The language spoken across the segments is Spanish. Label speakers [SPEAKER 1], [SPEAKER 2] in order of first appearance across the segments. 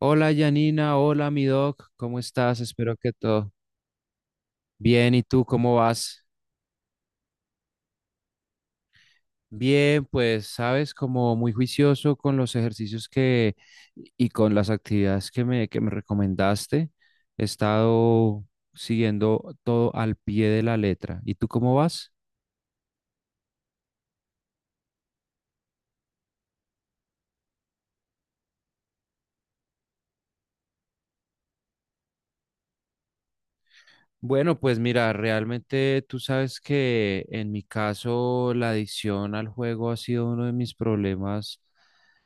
[SPEAKER 1] Hola Janina, hola mi doc, ¿cómo estás? Espero que todo bien. ¿Y tú cómo vas? Bien, pues sabes, como muy juicioso con los ejercicios que y con las actividades que me recomendaste. He estado siguiendo todo al pie de la letra. ¿Y tú cómo vas? Bueno, pues mira, realmente tú sabes que en mi caso la adicción al juego ha sido uno de mis problemas,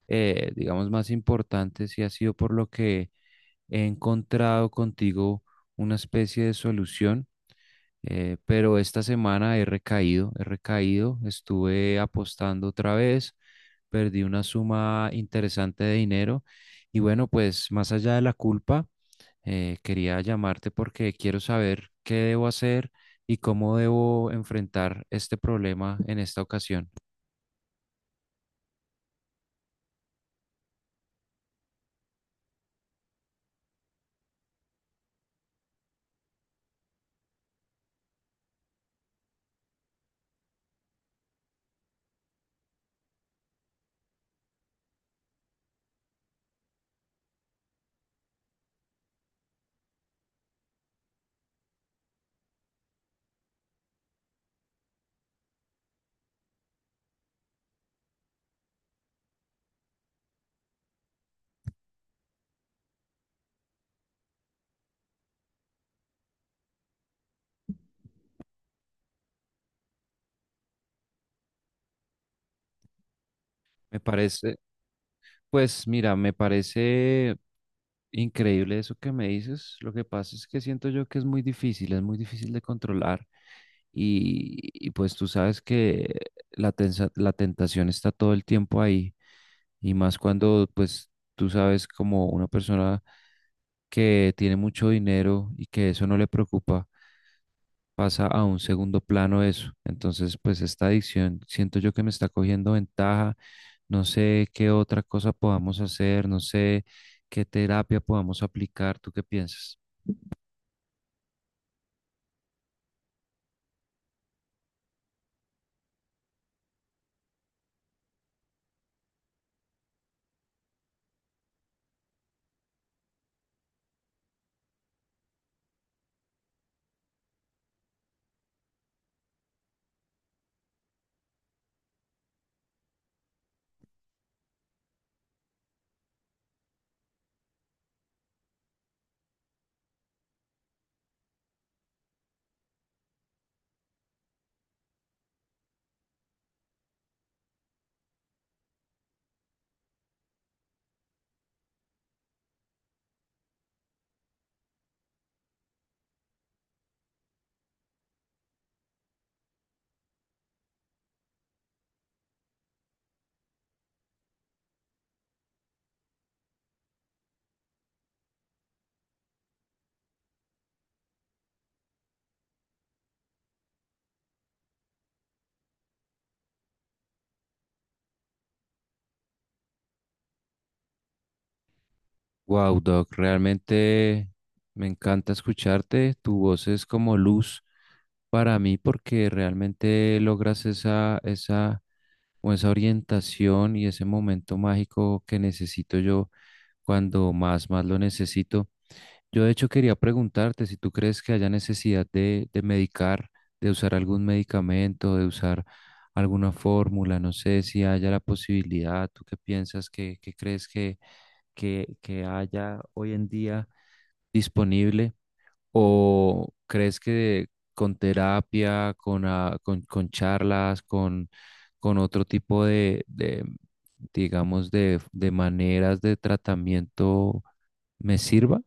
[SPEAKER 1] digamos, más importantes y ha sido por lo que he encontrado contigo una especie de solución, pero esta semana he recaído, estuve apostando otra vez, perdí una suma interesante de dinero y bueno, pues más allá de la culpa, quería llamarte porque quiero saber qué debo hacer y cómo debo enfrentar este problema en esta ocasión. Me parece... Pues mira, me parece increíble eso que me dices. Lo que pasa es que siento yo que es muy difícil de controlar. Y pues tú sabes que la tentación está todo el tiempo ahí. Y más cuando pues tú sabes como una persona que tiene mucho dinero y que eso no le preocupa pasa a un segundo plano eso. Entonces, pues esta adicción siento yo que me está cogiendo ventaja. No sé qué otra cosa podamos hacer, no sé qué terapia podamos aplicar. ¿Tú qué piensas? Wow, Doc, realmente me encanta escucharte. Tu voz es como luz para mí porque realmente logras o esa orientación y ese momento mágico que necesito yo cuando más, más lo necesito. Yo de hecho quería preguntarte si tú crees que haya necesidad de medicar, de usar algún medicamento, de usar alguna fórmula, no sé si haya la posibilidad, ¿tú qué piensas, qué crees que haya hoy en día disponible? ¿O crees que con terapia, con charlas, con otro tipo digamos, de maneras de tratamiento me sirva?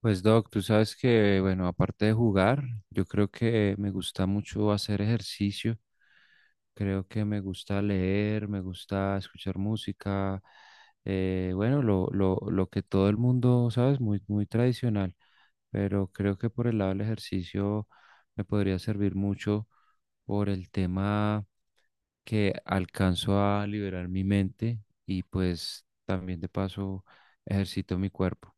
[SPEAKER 1] Pues Doc, tú sabes que, bueno, aparte de jugar, yo creo que me gusta mucho hacer ejercicio, creo que me gusta leer, me gusta escuchar música, bueno, lo que todo el mundo, ¿sabes? Muy, muy tradicional, pero creo que por el lado del ejercicio me podría servir mucho por el tema que alcanzo a liberar mi mente y pues también de paso ejercito mi cuerpo.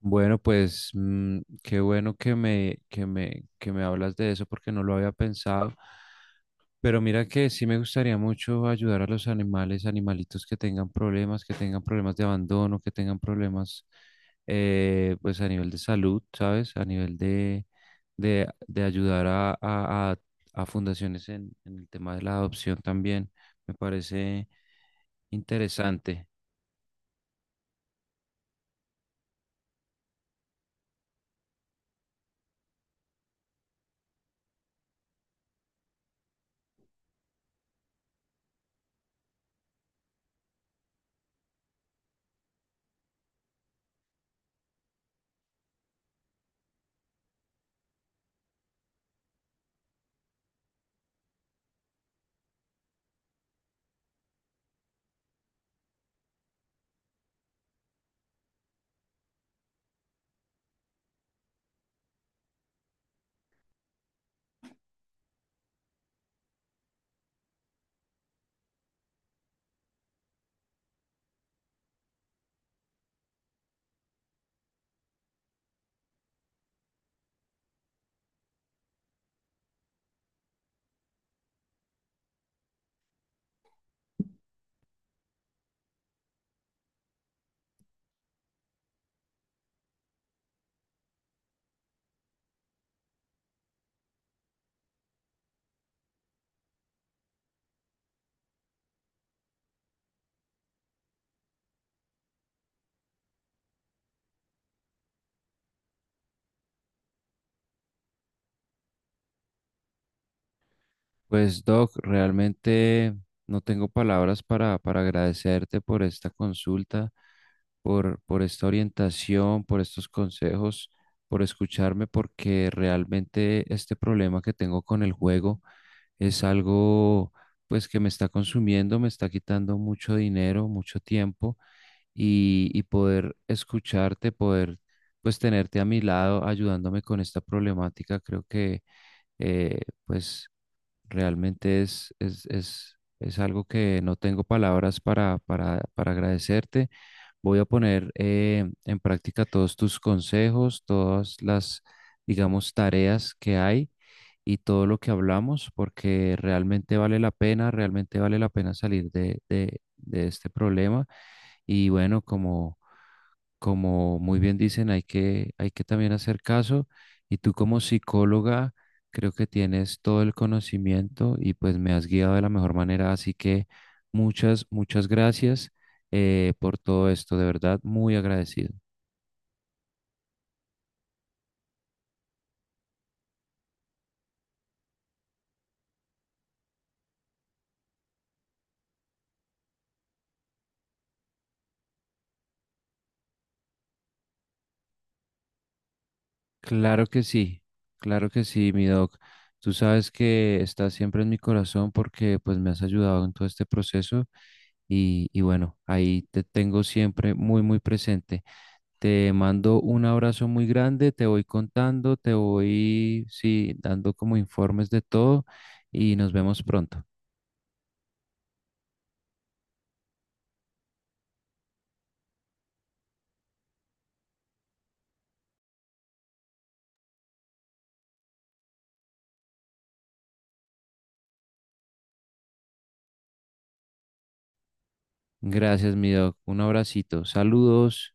[SPEAKER 1] Bueno, pues mm, qué bueno que me hablas de eso porque no lo había pensado. Pero mira que sí me gustaría mucho ayudar a los animales, animalitos que tengan problemas de abandono, que tengan problemas pues a nivel de salud, ¿sabes? A nivel de ayudar a fundaciones en el tema de la adopción también. Me parece interesante. Pues Doc, realmente no tengo palabras para agradecerte por esta consulta, por esta orientación, por estos consejos, por escucharme, porque realmente este problema que tengo con el juego es algo pues que me está consumiendo, me está quitando mucho dinero, mucho tiempo y poder escucharte, poder pues tenerte a mi lado ayudándome con esta problemática, creo que eh, pues realmente es algo que no tengo palabras para agradecerte. Voy a poner en práctica todos tus consejos, todas las, digamos, tareas que hay y todo lo que hablamos, porque realmente vale la pena, realmente vale la pena salir de este problema. Y bueno, como muy bien dicen, hay que también hacer caso y tú como psicóloga creo que tienes todo el conocimiento y pues me has guiado de la mejor manera, así que muchas gracias por todo esto, de verdad, muy agradecido. Claro que sí, claro que sí, mi doc. Tú sabes que estás siempre en mi corazón porque pues me has ayudado en todo este proceso y bueno, ahí te tengo siempre muy, muy presente. Te mando un abrazo muy grande, te voy contando, te voy, sí, dando como informes de todo y nos vemos pronto. Gracias, mi doc. Un abracito. Saludos.